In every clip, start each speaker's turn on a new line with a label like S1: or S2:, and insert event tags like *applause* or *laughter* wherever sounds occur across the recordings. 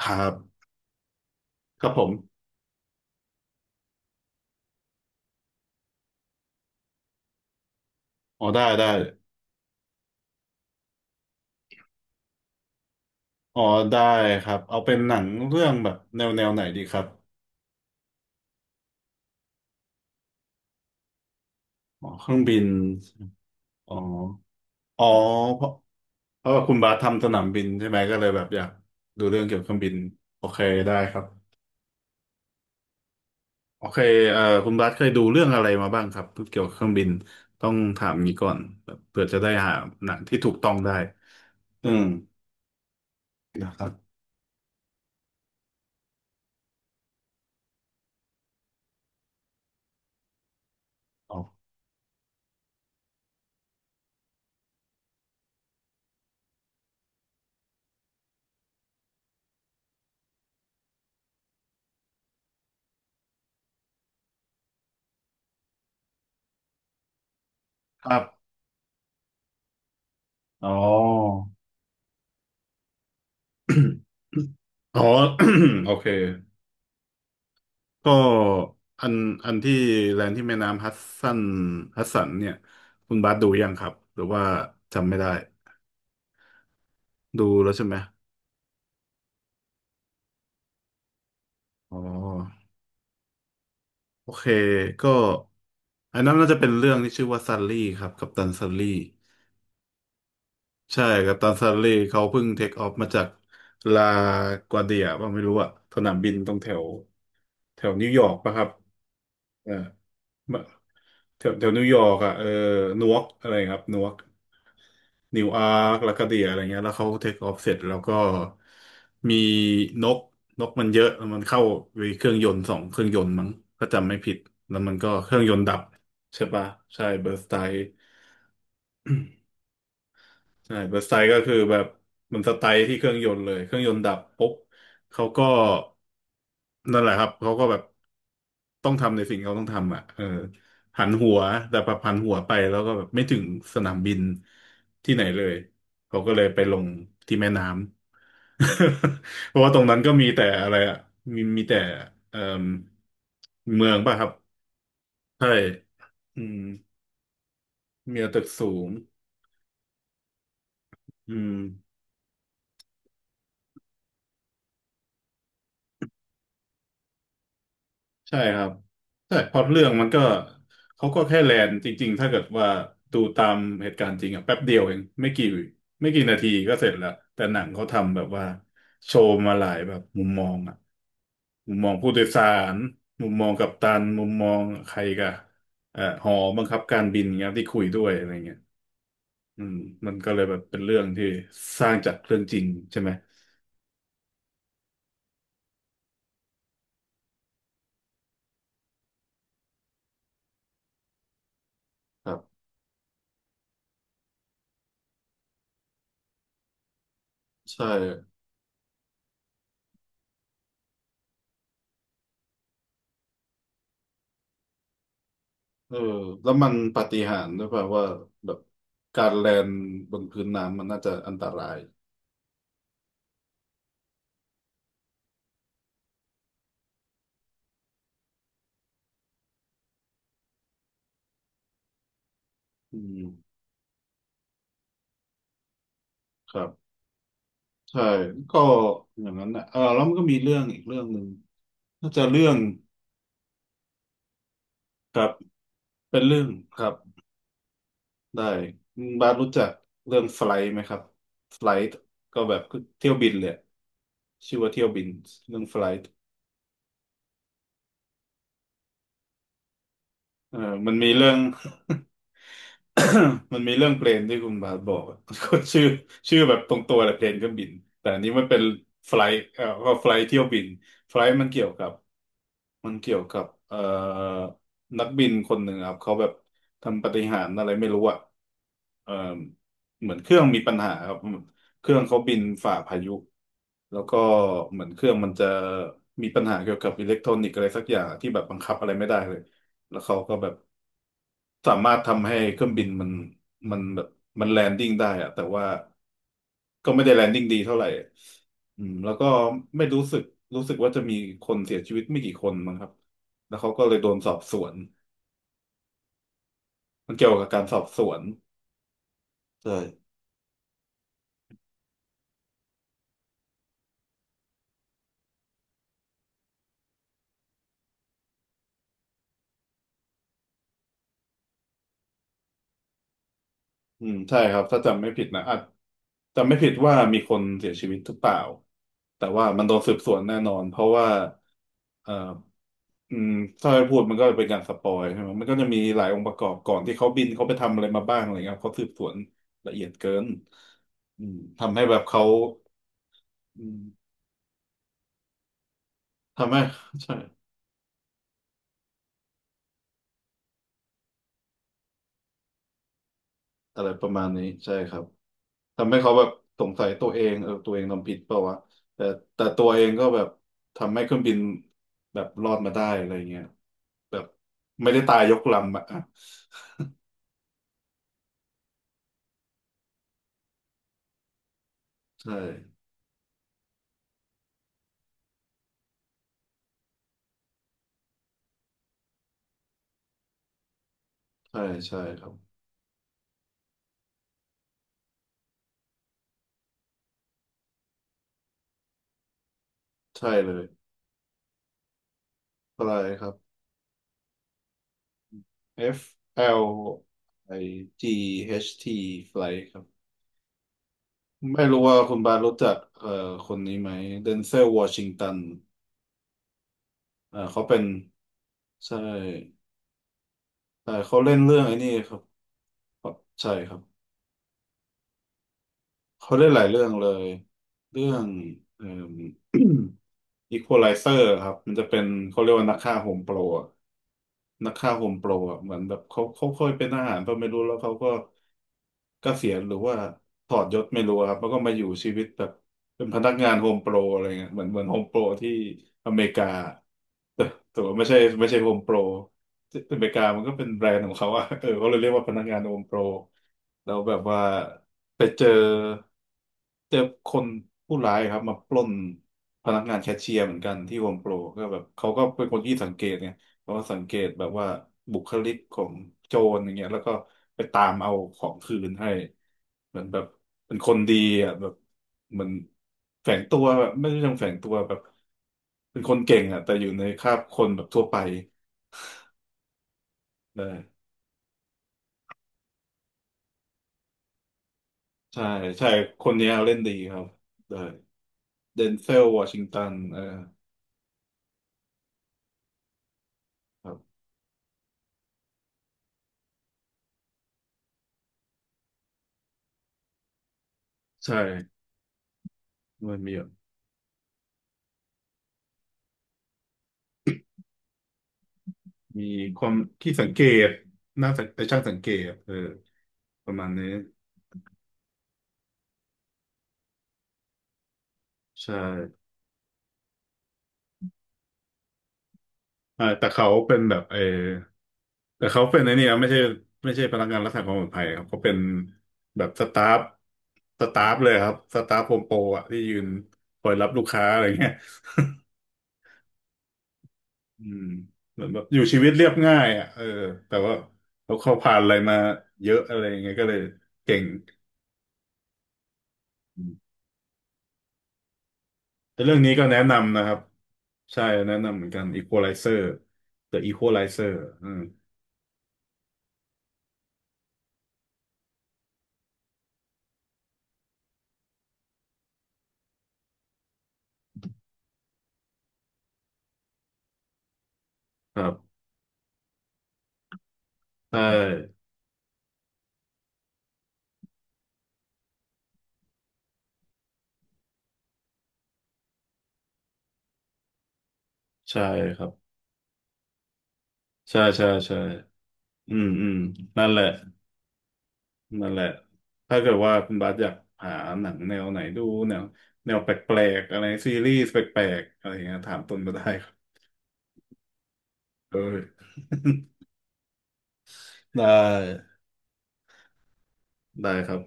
S1: ครับครับผมอ๋อได้ได้อ๋อได้ครับเอาเป็นหนังเรื่องแบบแนวไหนดีครับอ๋อเครื่องบินอ๋ออ๋อเพราะเพราะว่าคุณบาสทำสนามบินใช่ไหมก็เลยแบบอยากดูเรื่องเกี่ยวกับเครื่องบินโอเคได้ครับโอเคคุณบาสเคยดูเรื่องอะไรมาบ้างครับเกี่ยวกับเครื่องบินต้องถามงี้ก่อนแบบเผื่อจะได้หาหนังที่ถูกต้องได้อืมนะครับอ๋อครับอ๋อ *coughs* อ๋อ *coughs* โอเค ก็อันอันที่แลนด์ที่แม่น้ำสันฮัดสันเนี่ยคุณบาสดูยังครับหรือว่าจำไม่ได้ดูแล้วใช่ไหมอ๋อโอเคก็อันนั้นน่าจะเป็นเรื่องที่ชื่อว่าซันลี่ครับกัปตันซันลี่ใช่กัปตันซันลี่เขาเพิ่งเทคออฟมาจากลากวาเดียป่ะไม่รู้อะสนามบินตรงแถวแถวนิวยอร์กป่ะครับ เออมาแถวแถวนิวยอร์กอ่ะเออนวกอะไรครับนวกนิวอาร์คลาคาเดียอะไรเงี้ยแล้วเขาเทคออฟเสร็จแล้วก็มีนกนกมันเยอะแล้วมันเข้าไปเครื่องยนต์สองเครื่องยนต์มั้งถ้าจำไม่ผิดแล้วมันก็เครื่องยนต์ดับใช่ปะใช่เบิร์สไต ใช่เบิร์สไตก็คือแบบมันสไตล์ที่เครื่องยนต์เลยเครื่องยนต์ดับปุ๊บเขาก็นั่นแหละครับเขาก็แบบต้องทำในสิ่งเขาต้องทำอ่ะเออหันหัวแต่พอหันหัวไปแล้วก็แบบไม่ถึงสนามบินที่ไหนเลยเขาก็เลยไปลงที่แม่น้ำ *laughs* เพราะว่าตรงนั้นก็มีแต่อะไรอ่ะมีแต่เอ่มเมืองป่ะครับใช่อืมมีแต่ตึกสูงอืม ใช่ครับใช่เพราะเรื่องมันก็เขาก็แค่แลนจริงๆถ้าเกิดว่าดูตามเหตุการณ์จริงอะแป๊บเดียวเองไม่กี่นาทีก็เสร็จแล้วแต่หนังเขาทำแบบว่าโชว์มาหลายแบบมุมมองอะมุมมองผู้โดยสารมุมมองกัปตันมุมมองใครกะหอบังคับการบินเงี้ยที่คุยด้วยอะไรเงี้ยอืมมันก็เลยแบบเป็นเรื่องที่สร้างจากเรื่องจริงใช่ไหมครับใช่ เออแล้วมันปาฏิหาริย์ด้วยเปล่าว่าแบบการแลนบนพื้นน้ำมันน่าจะอันตรายอืมครับใช่ก็อย่างนั้นนะเออแล้วมันก็มีเรื่องอีกเรื่องหนึ่งน่าจะเรื่องครับเป็นเรื่องครับได้บาสรู้จักเรื่องไฟล์ไหมครับไฟล์ก็แบบเที่ยวบินเลยชื่อว่าเที่ยวบินเรื่องไฟล์ เออมันมีเรื่อง *coughs* มันมีเรื่องเพลนที่คุณบาสบอกอะ *laughs* ก็ชื่อชื่อแบบตรงตัวแหละเพลนเครื่องบินแต่อันนี้มันเป็นไฟล์ก็ไฟล์เที่ยวบินไฟล์มันเกี่ยวกับมันเกี่ยวกับนักบินคนหนึ่งครับเขาแบบทำปาฏิหาริย์อะไรไม่รู้อ่ะเอ่อเหมือนเครื่องมีปัญหาครับเครื่องเขาบินฝ่าพายุแล้วก็เหมือนเครื่องมันจะมีปัญหาเกี่ยวกับอิเล็กทรอนิกส์อะไรสักอย่างที่แบบบังคับอะไรไม่ได้เลย แล้วเขาก็แบบสามารถทำให้เครื่องบินมันแบบมันแลนดิ้งได้อะแต่ว่าก็ไม่ได้แลนดิ้งดีเท่าไหร่อืมแล้วก็ไม่รู้สึกรู้สึกว่าจะมีคนเสียชีวิตไม่กี่คนมั้งครับแล้วเขาก็เลยโดนสอบสวนมันเกี่ยวกับการสอบสวนใช่ อืมใช่ครับถ้าจำไม่ผิดนะอาจจำไม่ผิดว่ามีคนเสียชีวิตหรือเปล่าแต่ว่ามันโดนสืบสวนแน่นอนเพราะว่าเอ่ออืมถ้าให้พูดมันก็เป็นการสปอยใช่ไหมมันก็จะมีหลายองค์ประกอบก่อนที่เขาบินเขาไปทำอะไรมาบ้างอะไรเงี้ยเขาสืบสวนละเอียดเกินทำให้แบบเขาอืมทำให้ *laughs* ใช่อะไรประมาณนี้ใช่ครับ ทำให้เขาแบบสงสัยตัวเองเออตัวเองทำผิดเปล่าวะแต่แต่ตัวเองก็แบบทำให้เครื่องบินแบบรอดมาได้อะไรเงี้ยแบบไม่ได้ตายยกลำอะอ่ะใช่ใช่ใช่ครับใช่เลยอะไรครับ F L I G H T flight ครับไม่รู้ว่าคุณบาสรู้จักคนนี้ไหมเดนเซลวอชิงตันอ่าเขาเป็นใช่ใช่เขาเล่นเรื่องไอ้นี่ครับใช่ครับ เขาเล่นหลายเรื่องเลยเรื่องเอ่อ *clears throat* Equalizer ครับมันจะเป็นเขาเรียกว่านักฆ่าโฮมโปร นักฆ่าโฮมโปรอ่ะเหมือนแบบเขาเคยเป็นทหารก็ไม่รู้แล้วเขาก็เกษียณหรือว่าถอดยศไม่รู้อะครับแล้วก็มาอยู่ชีวิตแบบเป็นพนักงานโฮมโปรอะไรเงี้ยเหมือนโฮมโปรที่อเมริกาแต่แต่ว่าไม่ใช่โฮมโปรที่อเมริกามันก็เป็นแบรนด์ของเขาอะ *laughs* เออเขาเลยเรียกว่าพนักงานโฮมโปรแล้วแบบว่าไปเจอคนผู้ร้ายครับมาปล้นพนักงานแคชเชียร์เหมือนกันที่โฮมโปรก็แบบเขาก็เป็นคนที่สังเกตไง เพราะว่าสังเกตแบบว่าบุคลิกของโจรอย่างเงี้ยแล้วก็ไปตามเอาของคืนให้เหมือนแบบเป็นคนดีอ่ะแบบเหมือนแฝงตัวแบบไม่ใช่เชิงแฝงตัวแบบเป็นคนเก่งอ่ะแต่อยู่ในคราบคนแบบทั่วไปได้ใช่ใช่คนเนี้ยเล่นดีครับได้เดนเซลวอชิงตันเออครับใช่มันมีแบบมีความที่สังเกตน่าสังช่างสังเกตเออประมาณนี้ใช่ อ่าแต่เขาเป็นแบบเออแต่เขาเป็นไอ้นี่นะไม่ใช่พนักงานรักษาความปลอดภัยครับเขาเป็นแบบสตาฟเลยครับสตาฟโฮมโปรอะที่ยืนคอยรับลูกค้าอะไรเงี้ย *laughs* อืมเหมือนแบบอยู่ชีวิตเรียบง่ายอ่ะเออแต่ว่าเขาผ่านอะไรมาเยอะอะไรอย่างเงี้ยก็เลยเก่งอืมแต่เรื่องนี้ก็แนะนำนะครับใช่แนะนำเหมือนกัน Equalizer The Equalizer อืมครับใช่ใช่ครับใช่ใช่ใช่ อืมอืมนั่นแหละนั่นแหละถ้าเกิดว่าคุณบาสอยากหาหนังแนวไหนดูแนวแนวแปลกๆอะไรซีรีส์แปลกๆอะไรอย่างเงี้ยถามตุนมาได้ครับเออ *laughs* ได้ได้ครับ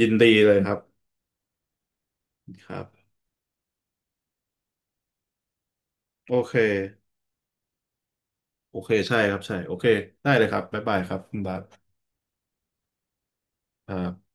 S1: ยินดีเลยครับครับโอเคโอเคใช่ครับใช่โอเคได้เลยครับบ๊ายบายครับคุณบาสครับ